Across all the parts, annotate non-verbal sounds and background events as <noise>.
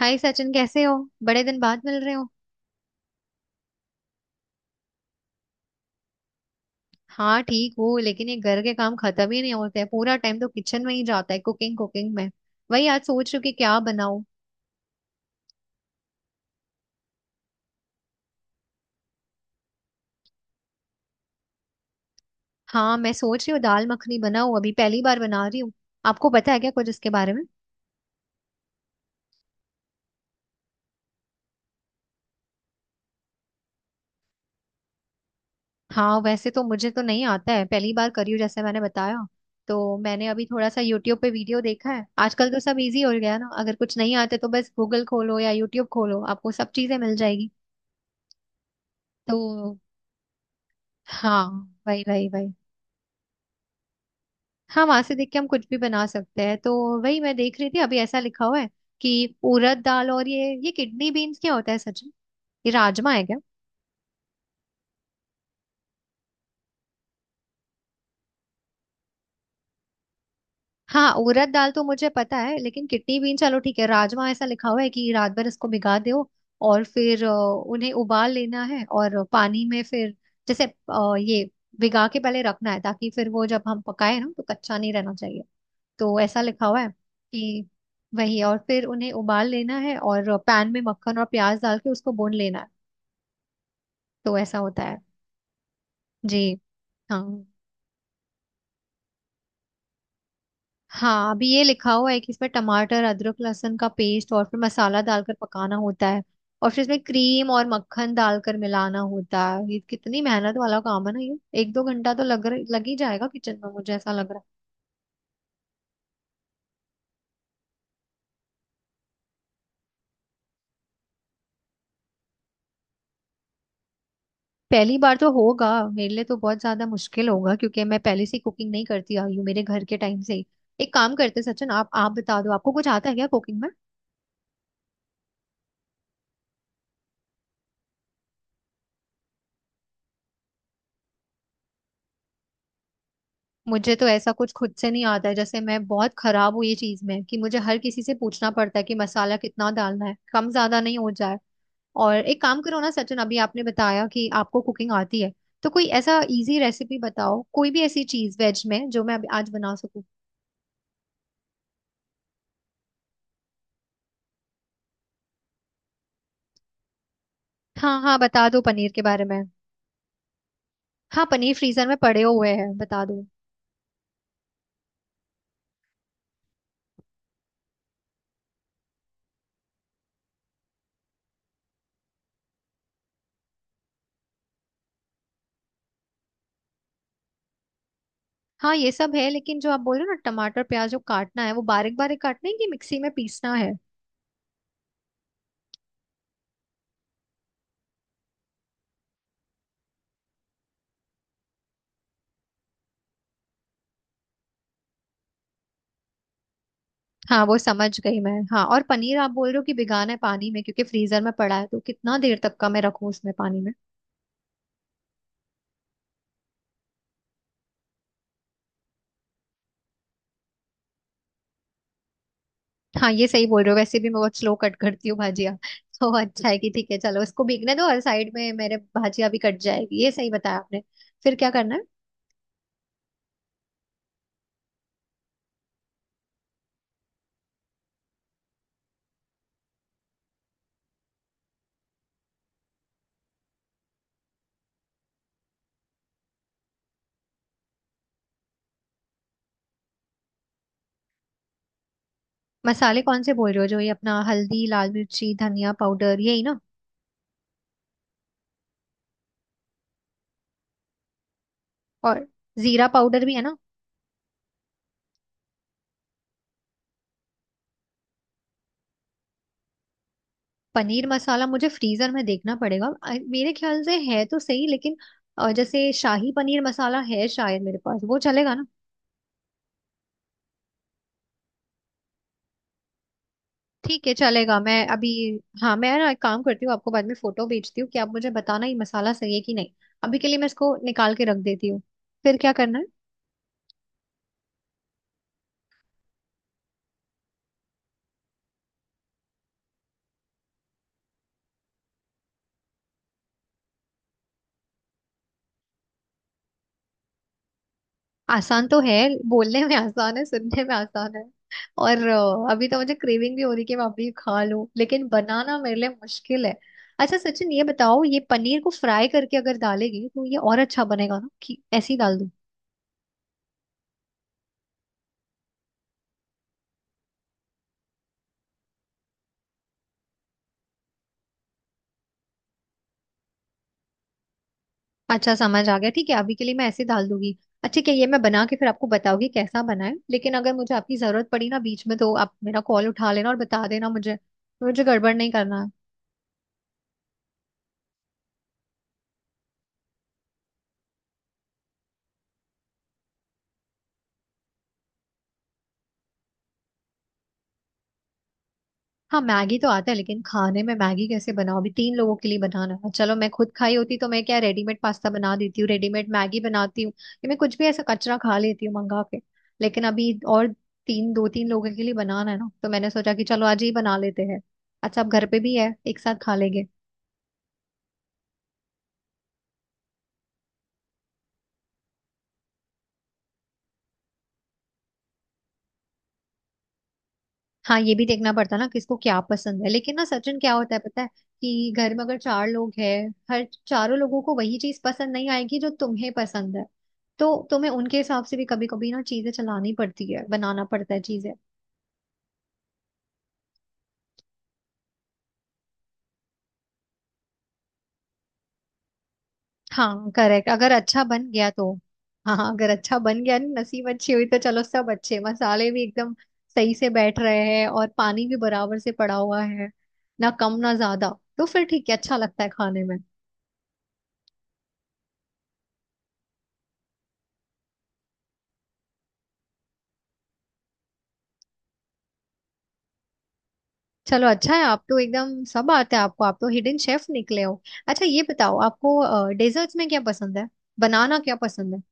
हाय सचिन, कैसे हो। बड़े दिन बाद मिल रहे हो। हाँ ठीक हो, लेकिन ये घर के काम खत्म ही नहीं होते हैं। पूरा टाइम तो किचन में ही जाता है, कुकिंग कुकिंग में। वही आज सोच रही हूँ कि क्या बनाऊँ। हाँ, मैं सोच रही हूँ दाल मखनी बनाऊँ, अभी पहली बार बना रही हूँ। आपको पता है क्या कुछ इसके बारे में? हाँ, वैसे तो मुझे तो नहीं आता है, पहली बार करी हूँ जैसे मैंने बताया। तो मैंने अभी थोड़ा सा यूट्यूब पे वीडियो देखा है। आजकल तो सब इजी हो गया है ना, अगर कुछ नहीं आता तो बस गूगल खोलो या यूट्यूब खोलो, आपको सब चीजें मिल जाएगी। तो हाँ, वही वही वही। हाँ, वहां से देख के हम कुछ भी बना सकते हैं तो। वही मैं देख रही थी, अभी ऐसा लिखा हुआ है कि उड़द दाल, और ये किडनी बीन्स क्या होता है सच में? ये राजमा है क्या? हाँ, उड़द दाल तो मुझे पता है, लेकिन किडनी बीन, चलो ठीक है। राजमा ऐसा लिखा हुआ है कि रात भर इसको भिगा दो, और फिर उन्हें उबाल लेना है, और पानी में फिर जैसे ये भिगा के पहले रखना है, ताकि फिर वो जब हम पकाए ना तो कच्चा नहीं रहना चाहिए। तो ऐसा लिखा हुआ है कि वही, और फिर उन्हें उबाल लेना है और पैन में मक्खन और प्याज डाल के उसको भून लेना है। तो ऐसा होता है। जी। हाँ हाँ, अभी ये लिखा हुआ है कि इसमें टमाटर अदरक लहसुन का पेस्ट और फिर मसाला डालकर पकाना होता है। और फिर इसमें क्रीम और मक्खन डालकर मिलाना होता है। ये कितनी मेहनत वाला काम है ना, ये एक दो घंटा तो लग ही जाएगा किचन में, मुझे ऐसा लग रहा है। पहली बार तो होगा मेरे लिए, तो बहुत ज्यादा मुश्किल होगा, क्योंकि मैं पहले से कुकिंग नहीं करती आई हूँ मेरे घर के टाइम से ही। एक काम करते सचिन, आप बता दो, आपको कुछ आता है क्या कुकिंग में? मुझे तो ऐसा कुछ खुद से नहीं आता है, जैसे मैं बहुत खराब हूँ ये चीज में, कि मुझे हर किसी से पूछना पड़ता है कि मसाला कितना डालना है, कम ज्यादा नहीं हो जाए। और एक काम करो ना सचिन, अभी आपने बताया कि आपको कुकिंग आती है, तो कोई ऐसा इजी रेसिपी बताओ, कोई भी ऐसी चीज वेज में जो मैं अभी आज बना सकूं। हाँ हाँ, बता दो पनीर के बारे में। हाँ, पनीर फ्रीजर में पड़े हुए हैं, बता दो। हाँ, ये सब है, लेकिन जो आप बोल रहे हो ना, टमाटर प्याज जो काटना है, वो बारीक बारीक काटना है कि मिक्सी में पीसना है? हाँ वो समझ गई मैं, हाँ। और पनीर आप बोल रहे हो कि भिगाना है पानी में, क्योंकि फ्रीजर में पड़ा है, तो कितना देर तक का मैं रखूँ उसमें पानी में? हाँ, ये सही बोल रहे हो, वैसे भी मैं बहुत स्लो कट करती हूँ भाजिया। तो अच्छा है कि ठीक है, चलो इसको भीगने दो, और साइड में मेरे भाजिया भी कट जाएगी, ये सही बताया आपने। फिर क्या करना है? मसाले कौन से बोल रहे हो? जो ये अपना हल्दी लाल मिर्ची धनिया पाउडर, यही ना? और जीरा पाउडर भी है ना। पनीर मसाला मुझे फ्रीजर में देखना पड़ेगा, मेरे ख्याल से है तो सही, लेकिन जैसे शाही पनीर मसाला है शायद मेरे पास, वो चलेगा ना? ठीक है चलेगा, मैं अभी। हाँ, मैं ना एक काम करती हूँ, आपको बाद में फोटो भेजती हूँ कि आप मुझे बताना ये मसाला सही है कि नहीं। अभी के लिए मैं इसको निकाल के रख देती हूँ। फिर क्या करना है? आसान तो है, बोलने में आसान है, सुनने में आसान है। और अभी तो मुझे क्रेविंग भी हो रही कि मैं अभी खा लूं, लेकिन बनाना मेरे लिए मुश्किल है। अच्छा सचिन ये बताओ, ये पनीर को फ्राई करके अगर डालेगी तो ये और अच्छा बनेगा ना, कि ऐसे ही डाल दूं? अच्छा, समझ आ गया। ठीक है, अभी के लिए मैं ऐसे डाल दूंगी। अच्छा, क्या ये मैं बना के फिर आपको बताऊंगी कैसा बना है, लेकिन अगर मुझे आपकी जरूरत पड़ी ना बीच में, तो आप मेरा कॉल उठा लेना और बता देना मुझे। मुझे गड़बड़ नहीं करना है। हाँ, मैगी तो आता है, लेकिन खाने में मैगी कैसे बनाओ, अभी तीन लोगों के लिए बनाना है। चलो, मैं खुद खाई होती तो मैं क्या, रेडीमेड पास्ता बना देती हूँ, रेडीमेड मैगी बनाती हूँ, ये मैं कुछ भी ऐसा कचरा खा लेती हूँ मंगा के। लेकिन अभी और तीन दो तीन लोगों के लिए बनाना है ना, तो मैंने सोचा कि चलो आज ही बना लेते हैं। अच्छा, अब घर पे भी है, एक साथ खा लेंगे। हाँ, ये भी देखना पड़ता ना किसको क्या पसंद है। लेकिन ना सचिन क्या होता है पता है, कि घर में अगर चार लोग हैं, हर चारों लोगों को वही चीज पसंद नहीं आएगी जो तुम्हें पसंद है। तो तुम्हें उनके हिसाब से भी कभी कभी ना चीजें चलानी पड़ती है, बनाना पड़ता है चीजें। हाँ करेक्ट, अगर अच्छा बन गया तो। हाँ हाँ, अगर अच्छा बन गया ना, नसीब अच्छी हुई तो, चलो सब अच्छे मसाले भी एकदम सही से बैठ रहे हैं, और पानी भी बराबर से पड़ा हुआ है, ना कम ना ज्यादा, तो फिर ठीक है, अच्छा लगता है खाने में। चलो अच्छा है, आप तो एकदम सब आते हैं आपको, आप तो हिडन शेफ निकले हो। अच्छा ये बताओ आपको डेजर्ट्स में क्या पसंद है, बनाना क्या पसंद है?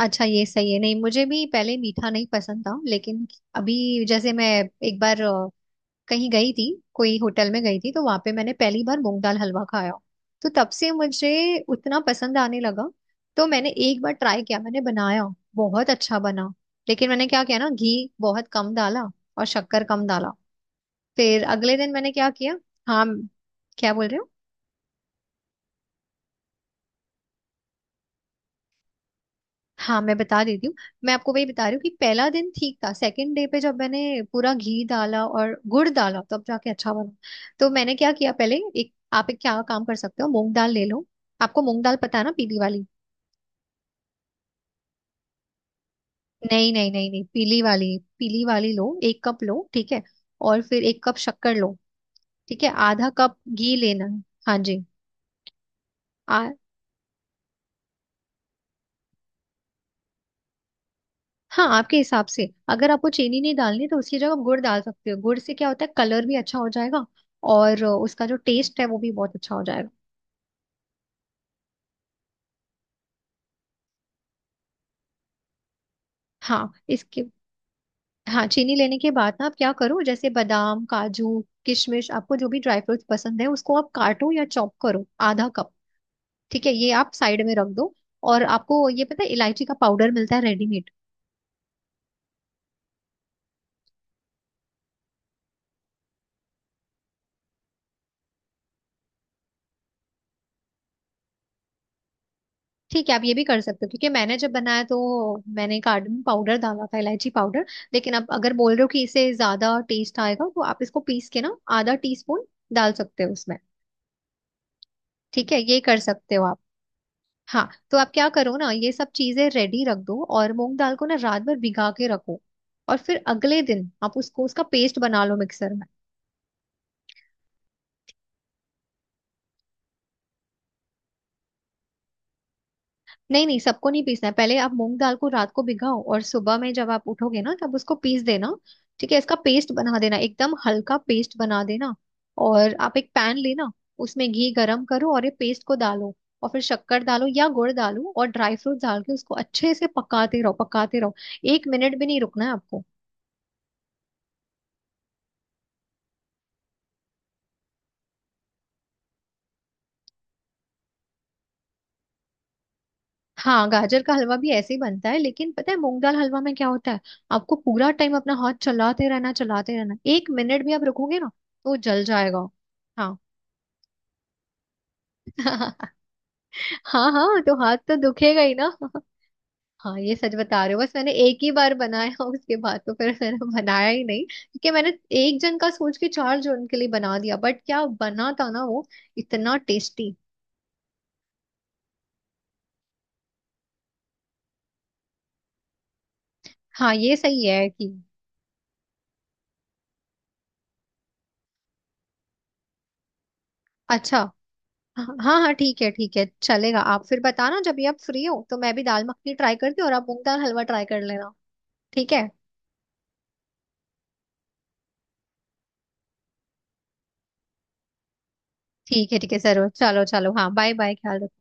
अच्छा, ये सही है। नहीं, मुझे भी पहले मीठा नहीं पसंद था, लेकिन अभी जैसे मैं एक बार कहीं गई थी, कोई होटल में गई थी, तो वहां पे मैंने पहली बार मूंग दाल हलवा खाया। तो तब से मुझे उतना पसंद आने लगा। तो मैंने एक बार ट्राई किया, मैंने बनाया, बहुत अच्छा बना। लेकिन मैंने क्या किया ना, घी बहुत कम डाला, और शक्कर कम डाला। फिर अगले दिन मैंने क्या किया। हाँ, क्या बोल रहे हो? हाँ मैं बता देती हूँ। मैं आपको वही बता रही हूँ कि पहला दिन ठीक था, सेकंड डे पे जब मैंने पूरा घी डाला और गुड़ डाला तब जाके अच्छा बना। तो मैंने क्या किया पहले, एक आप एक क्या काम कर सकते हो, मूंग दाल ले लो। आपको मूंग दाल पता है ना, पीली वाली। नहीं नहीं नहीं नहीं, पीली वाली। पीली वाली लो, एक कप लो ठीक है। और फिर एक कप शक्कर लो, ठीक है, आधा कप घी लेना है। हाँ जी। आ, हाँ आपके हिसाब से, अगर आपको चीनी नहीं डालनी तो उसकी जगह आप गुड़ डाल सकते हो। गुड़ से क्या होता है, कलर भी अच्छा हो जाएगा। और उसका जो टेस्ट है वो भी बहुत अच्छा हो जाएगा। हाँ इसके, हाँ चीनी लेने के बाद ना, आप क्या करो जैसे बादाम काजू किशमिश, आपको जो भी ड्राई फ्रूट्स पसंद है उसको आप काटो या चॉप करो, आधा कप। ठीक है, ये आप साइड में रख दो। और आपको ये पता है, इलायची का पाउडर मिलता है रेडीमेड। ठीक है, आप ये भी कर सकते हो, क्योंकि मैंने जब बनाया तो मैंने कार्डमम पाउडर डाला था, इलायची पाउडर। लेकिन आप अगर बोल रहे हो कि इससे ज्यादा टेस्ट आएगा, तो आप इसको पीस के ना आधा टी स्पून डाल सकते हो उसमें। ठीक है, ये कर सकते हो आप। हाँ तो आप क्या करो ना, ये सब चीजें रेडी रख दो, और मूंग दाल को ना रात भर भिगा के रखो। और फिर अगले दिन आप उसको उसका पेस्ट बना लो मिक्सर में। नहीं नहीं, सबको नहीं पीसना है, पहले आप मूंग दाल को रात को भिगाओ, और सुबह में जब आप उठोगे ना, तब उसको पीस देना। ठीक है, इसका पेस्ट बना देना, एकदम हल्का पेस्ट बना देना। और आप एक पैन लेना, उसमें घी गरम करो और ये पेस्ट को डालो, और फिर शक्कर डालो या गुड़ डालो, और ड्राई फ्रूट डाल के उसको अच्छे से पकाते रहो पकाते रहो। एक मिनट भी नहीं रुकना है आपको। हाँ, गाजर का हलवा भी ऐसे ही बनता है, लेकिन पता है मूंग दाल हलवा में क्या होता है, आपको पूरा टाइम अपना हाथ चलाते रहना चलाते रहना, एक मिनट भी आप रुकोगे ना, तो वो जल जाएगा। हाँ हाँ हाँ, तो हाथ तो दुखेगा ही ना। हाँ, ये सच बता रहे हो। बस मैंने एक ही बार बनाया <laughs> उसके बाद तो फिर मैंने बनाया ही नहीं, क्योंकि मैंने एक जन का सोच के चार जन के लिए बना दिया, बट क्या बना था ना वो, इतना टेस्टी। हाँ, ये सही है कि। अच्छा, हाँ हाँ ठीक है चलेगा, आप फिर बताना जब भी आप फ्री हो, तो मैं भी दाल मखनी ट्राई करती हूँ, और आप मूंग दाल हलवा ट्राई कर लेना। ठीक है, ठीक है ठीक है जरूर, चलो चलो, हाँ बाय बाय, ख्याल रखो।